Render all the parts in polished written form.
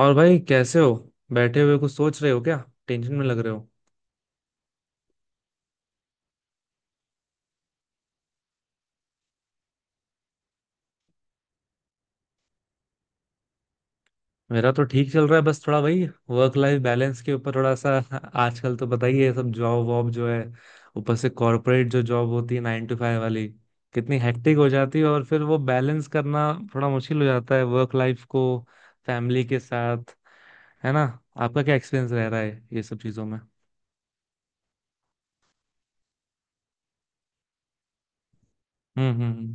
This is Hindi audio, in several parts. और भाई कैसे हो? बैठे हुए कुछ सोच रहे हो क्या? टेंशन में लग रहे हो। मेरा तो ठीक चल रहा है, बस थोड़ा वही वर्क लाइफ बैलेंस के ऊपर थोड़ा सा आजकल तो पता ही है सब, जॉब वॉब जो है, ऊपर से कॉरपोरेट जो जॉब होती है 9 टू 5 वाली, कितनी हेक्टिक हो जाती है। और फिर वो बैलेंस करना थोड़ा मुश्किल हो जाता है, वर्क लाइफ को फैमिली के साथ, है ना? आपका क्या एक्सपीरियंस रह रहा है ये सब चीजों में? हम्म हम्म हम्म।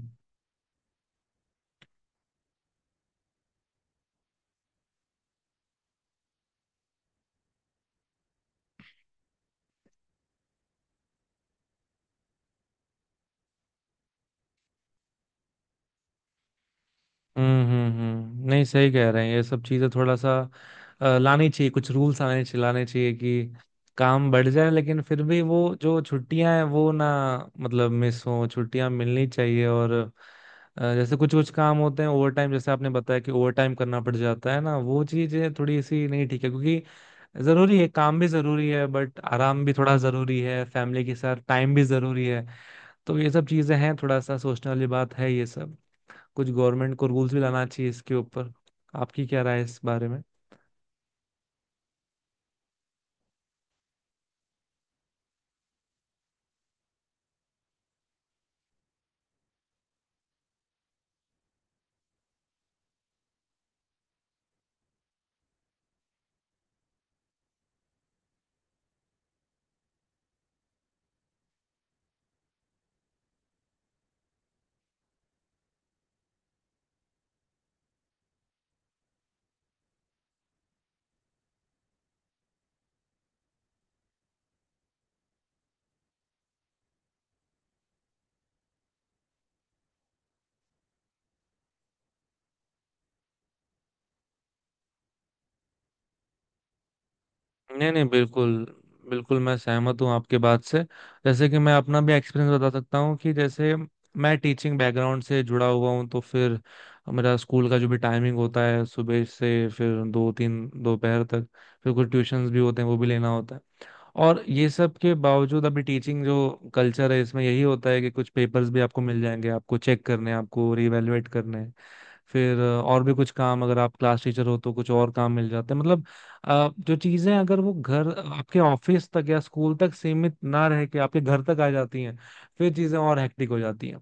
नहीं, सही कह रहे हैं, ये सब चीजें थोड़ा सा लानी चाहिए। कुछ रूल्स आने चाहिए, लाने चाहिए कि काम बढ़ जाए, लेकिन फिर भी वो जो छुट्टियां हैं वो ना, मतलब मिस हो, छुट्टियां मिलनी चाहिए। और जैसे कुछ कुछ काम होते हैं ओवर टाइम, जैसे आपने बताया कि ओवर टाइम करना पड़ जाता है ना, वो चीजें थोड़ी सी नहीं ठीक है, क्योंकि जरूरी है, काम भी जरूरी है, बट आराम भी थोड़ा जरूरी है, फैमिली के साथ टाइम भी जरूरी है। तो ये सब चीजें हैं, थोड़ा सा सोचने वाली बात है ये सब। कुछ गवर्नमेंट को रूल्स भी लाना चाहिए इसके ऊपर। आपकी क्या राय है इस बारे में? नहीं नहीं, बिल्कुल बिल्कुल, मैं सहमत हूँ आपके बात से। जैसे कि मैं अपना भी एक्सपीरियंस बता सकता हूँ कि जैसे मैं टीचिंग बैकग्राउंड से जुड़ा हुआ हूँ, तो फिर मेरा स्कूल का जो भी टाइमिंग होता है सुबह से फिर दो तीन दोपहर तक, फिर कुछ ट्यूशंस भी होते हैं, वो भी लेना होता है। और ये सब के बावजूद अभी टीचिंग जो कल्चर है, इसमें यही होता है कि कुछ पेपर्स भी आपको मिल जाएंगे, आपको चेक करने हैं, आपको रिवेलुएट करने हैं। फिर और भी कुछ काम, अगर आप क्लास टीचर हो तो कुछ और काम मिल जाते हैं, मतलब जो चीजें अगर वो घर, आपके ऑफिस तक या स्कूल तक सीमित ना रह के आपके घर तक आ जाती हैं, फिर चीजें और हेक्टिक हो जाती हैं।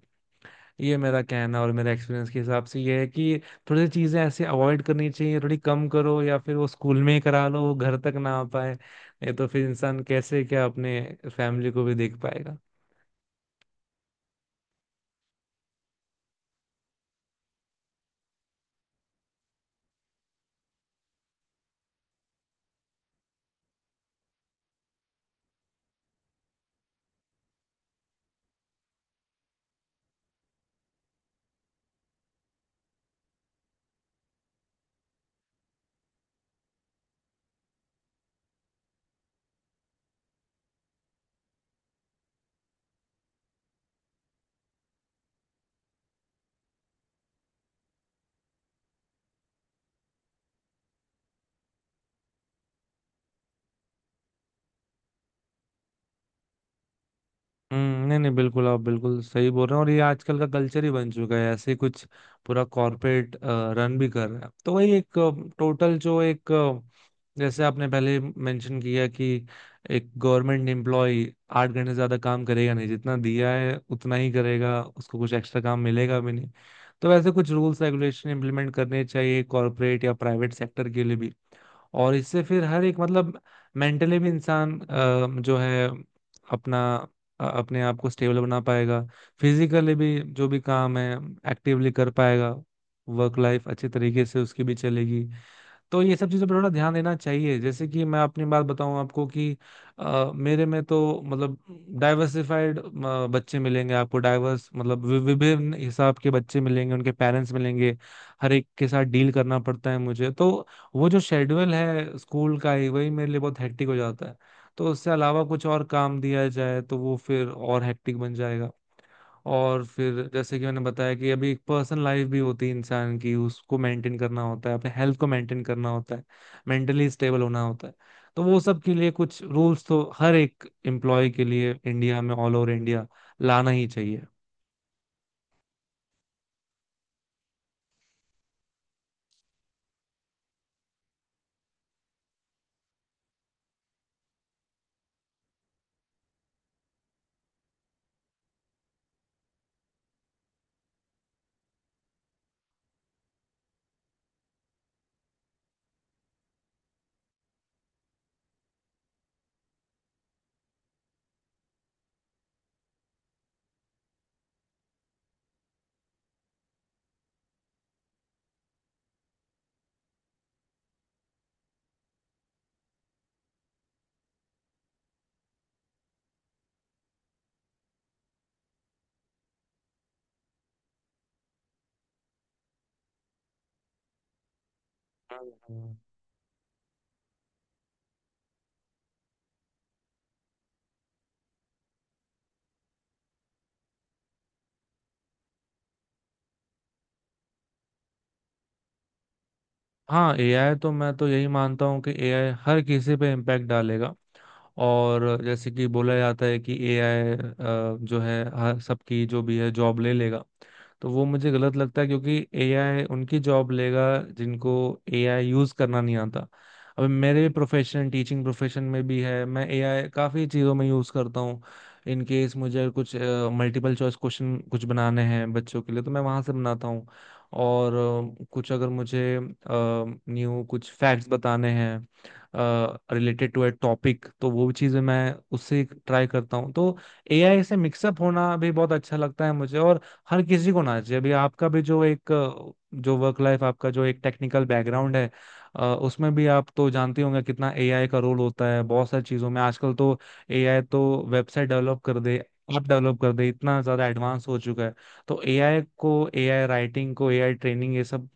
ये मेरा कहना और मेरा एक्सपीरियंस के हिसाब से ये है कि थोड़ी सी चीजें ऐसे अवॉइड करनी चाहिए, थोड़ी कम करो या फिर वो स्कूल में ही करा लो, वो घर तक ना आ पाए, नहीं तो फिर इंसान कैसे क्या अपने फैमिली को भी देख पाएगा। हम्म, नहीं नहीं, बिल्कुल आप बिल्कुल सही बोल रहे हैं। और ये आजकल का कल्चर ही बन चुका है ऐसे ही कुछ, पूरा कॉर्पोरेट रन भी कर रहा है तो वही एक टोटल जो एक जैसे आपने पहले मेंशन किया कि एक गवर्नमेंट एम्प्लॉय 8 घंटे से ज्यादा काम करेगा नहीं, जितना दिया है उतना ही करेगा, उसको कुछ एक्स्ट्रा काम मिलेगा भी नहीं। तो वैसे कुछ रूल्स रेगुलेशन इंप्लीमेंट करने चाहिए कॉर्पोरेट या प्राइवेट सेक्टर के लिए भी। और इससे फिर हर एक, मतलब मेंटली भी इंसान जो है अपना, अपने आप को स्टेबल बना पाएगा, फिजिकली भी जो भी काम है एक्टिवली कर पाएगा, वर्क लाइफ अच्छे तरीके से उसकी भी चलेगी। तो ये सब चीज़ों पर थोड़ा ध्यान देना चाहिए। जैसे कि मैं अपनी बात बताऊं आपको कि मेरे में तो, मतलब डाइवर्सिफाइड बच्चे मिलेंगे आपको, डाइवर्स मतलब विभिन्न हिसाब के बच्चे मिलेंगे, उनके पेरेंट्स मिलेंगे, हर एक के साथ डील करना पड़ता है मुझे तो। वो जो शेड्यूल है स्कूल का ही, वही मेरे लिए बहुत हेक्टिक हो जाता है। तो उससे अलावा कुछ और काम दिया जाए तो वो फिर और हेक्टिक बन जाएगा। और फिर जैसे कि मैंने बताया कि अभी एक पर्सनल लाइफ भी होती है इंसान की, उसको मेंटेन करना होता है, अपने हेल्थ को मेंटेन करना होता है, मेंटली स्टेबल होना होता है। तो वो सब के लिए कुछ रूल्स तो हर एक एम्प्लॉय के लिए इंडिया में, ऑल ओवर इंडिया लाना ही चाहिए। हम्म, हम्म। हाँ, एआई तो, मैं तो यही मानता हूँ कि एआई हर किसी पे इम्पैक्ट डालेगा। और जैसे कि बोला जाता है कि एआई जो है हर सबकी जो भी है जॉब ले लेगा, तो वो मुझे गलत लगता है, क्योंकि एआई उनकी जॉब लेगा जिनको एआई यूज करना नहीं आता। अब मेरे प्रोफेशन, टीचिंग प्रोफेशन में भी है, मैं एआई काफी चीजों में यूज करता हूँ। इन केस मुझे कुछ मल्टीपल चॉइस क्वेश्चन कुछ बनाने हैं बच्चों के लिए, तो मैं वहां से बनाता हूँ। और कुछ अगर मुझे न्यू कुछ फैक्ट्स बताने हैं रिलेटेड टू ए टॉपिक, तो वो चीज़ें मैं उससे ट्राई करता हूँ। तो एआई से मिक्सअप होना भी बहुत अच्छा लगता है मुझे, और हर किसी को ना चाहिए। अभी आपका भी जो एक जो वर्क लाइफ, आपका जो एक टेक्निकल बैकग्राउंड है, उसमें भी आप तो जानते होंगे कितना एआई का रोल होता है बहुत सारी चीजों में आजकल तो। एआई तो वेबसाइट डेवलप कर दे, ऐप डेवलप कर दे, इतना ज्यादा एडवांस हो चुका है। तो एआई को, एआई राइटिंग को, एआई ट्रेनिंग, ये सब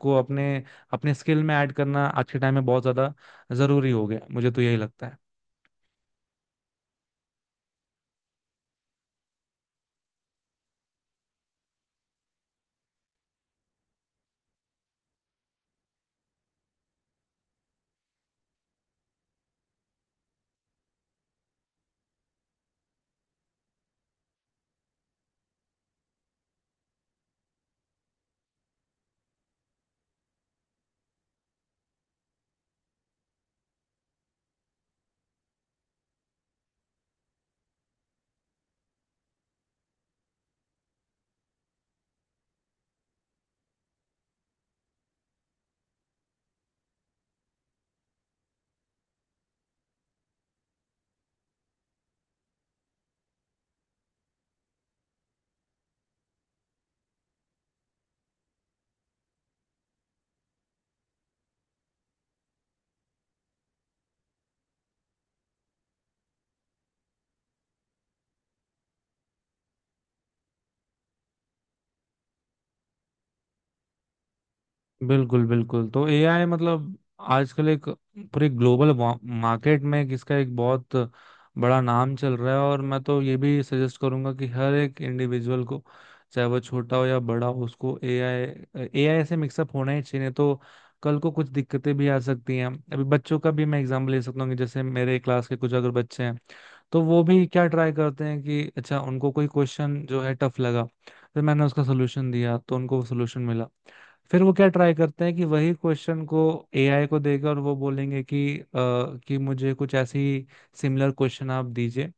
को अपने, अपने स्किल में ऐड करना आज के टाइम में बहुत ज्यादा जरूरी हो गया, मुझे तो यही लगता है। बिल्कुल बिल्कुल, तो एआई मतलब आजकल एक पूरे ग्लोबल मार्केट में इसका एक बहुत बड़ा नाम चल रहा है। और मैं तो ये भी सजेस्ट करूंगा कि हर एक इंडिविजुअल को, चाहे वो छोटा हो या बड़ा हो, उसको एआई एआई से मिक्सअप होना ही चाहिए, नहीं तो कल को कुछ दिक्कतें भी आ सकती हैं। अभी बच्चों का भी मैं एग्जाम्पल ले सकता हूँ कि जैसे मेरे क्लास के कुछ अगर बच्चे हैं, तो वो भी क्या ट्राई करते हैं कि अच्छा उनको कोई क्वेश्चन जो है टफ लगा, फिर मैंने उसका सोल्यूशन दिया तो उनको वो सोल्यूशन मिला, फिर वो क्या ट्राई करते हैं कि वही क्वेश्चन को एआई को देगा और वो बोलेंगे कि कि मुझे कुछ ऐसी सिमिलर क्वेश्चन आप दीजिए।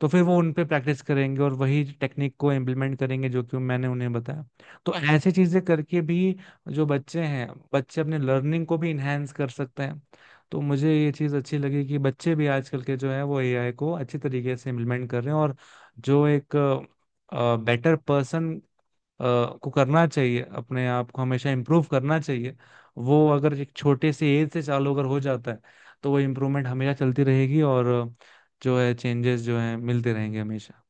तो फिर वो उन पे प्रैक्टिस करेंगे और वही टेक्निक को इम्प्लीमेंट करेंगे जो कि मैंने उन्हें बताया। तो ऐसी चीजें करके भी जो बच्चे हैं, बच्चे अपने लर्निंग को भी इन्हेंस कर सकते हैं। तो मुझे ये चीज अच्छी लगी कि बच्चे भी आजकल के जो है वो एआई को अच्छी तरीके से इम्प्लीमेंट कर रहे हैं। और जो एक बेटर पर्सन, अ, को करना चाहिए, अपने आप को हमेशा इम्प्रूव करना चाहिए। वो अगर एक छोटे से एज से चालू अगर हो जाता है, तो वो इम्प्रूवमेंट हमेशा चलती रहेगी और जो है चेंजेस जो है मिलते रहेंगे हमेशा।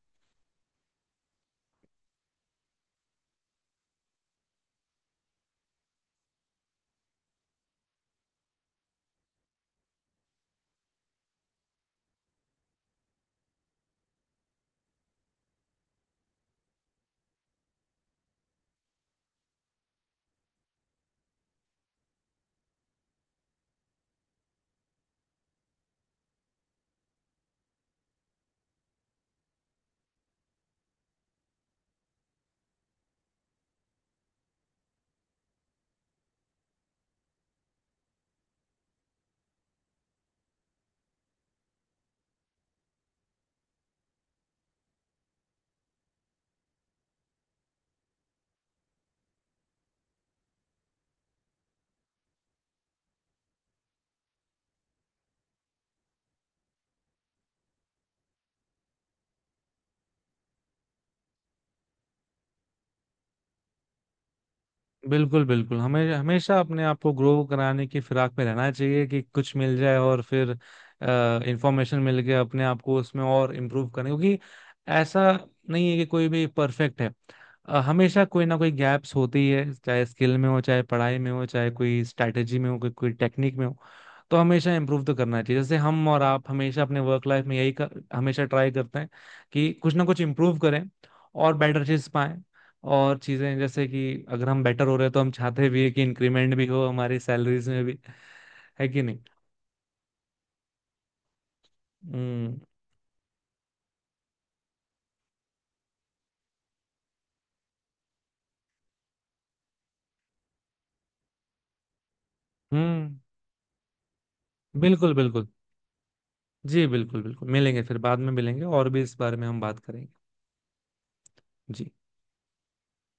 बिल्कुल बिल्कुल, हमें हमेशा अपने आप को ग्रो कराने की फिराक में रहना चाहिए कि कुछ मिल जाए और फिर इंफॉर्मेशन मिल गया, अपने आप को उसमें और इम्प्रूव करने, क्योंकि ऐसा नहीं है कि कोई भी परफेक्ट है। हमेशा कोई ना कोई गैप्स होती है, चाहे स्किल में हो, चाहे पढ़ाई में हो, चाहे कोई स्ट्रैटेजी में हो, कोई कोई टेक्निक में हो। तो हमेशा इम्प्रूव तो करना चाहिए, जैसे हम और आप हमेशा अपने वर्क लाइफ में यही हमेशा ट्राई करते हैं कि कुछ ना कुछ इम्प्रूव करें और बेटर चीज पाएं। और चीजें जैसे कि अगर हम बेटर हो रहे हैं तो हम चाहते भी है कि इंक्रीमेंट भी हो हमारी सैलरीज में भी, है कि नहीं? हम्म हम्म, बिल्कुल बिल्कुल। जी बिल्कुल बिल्कुल, मिलेंगे फिर, बाद में मिलेंगे और भी इस बारे में हम बात करेंगे। जी।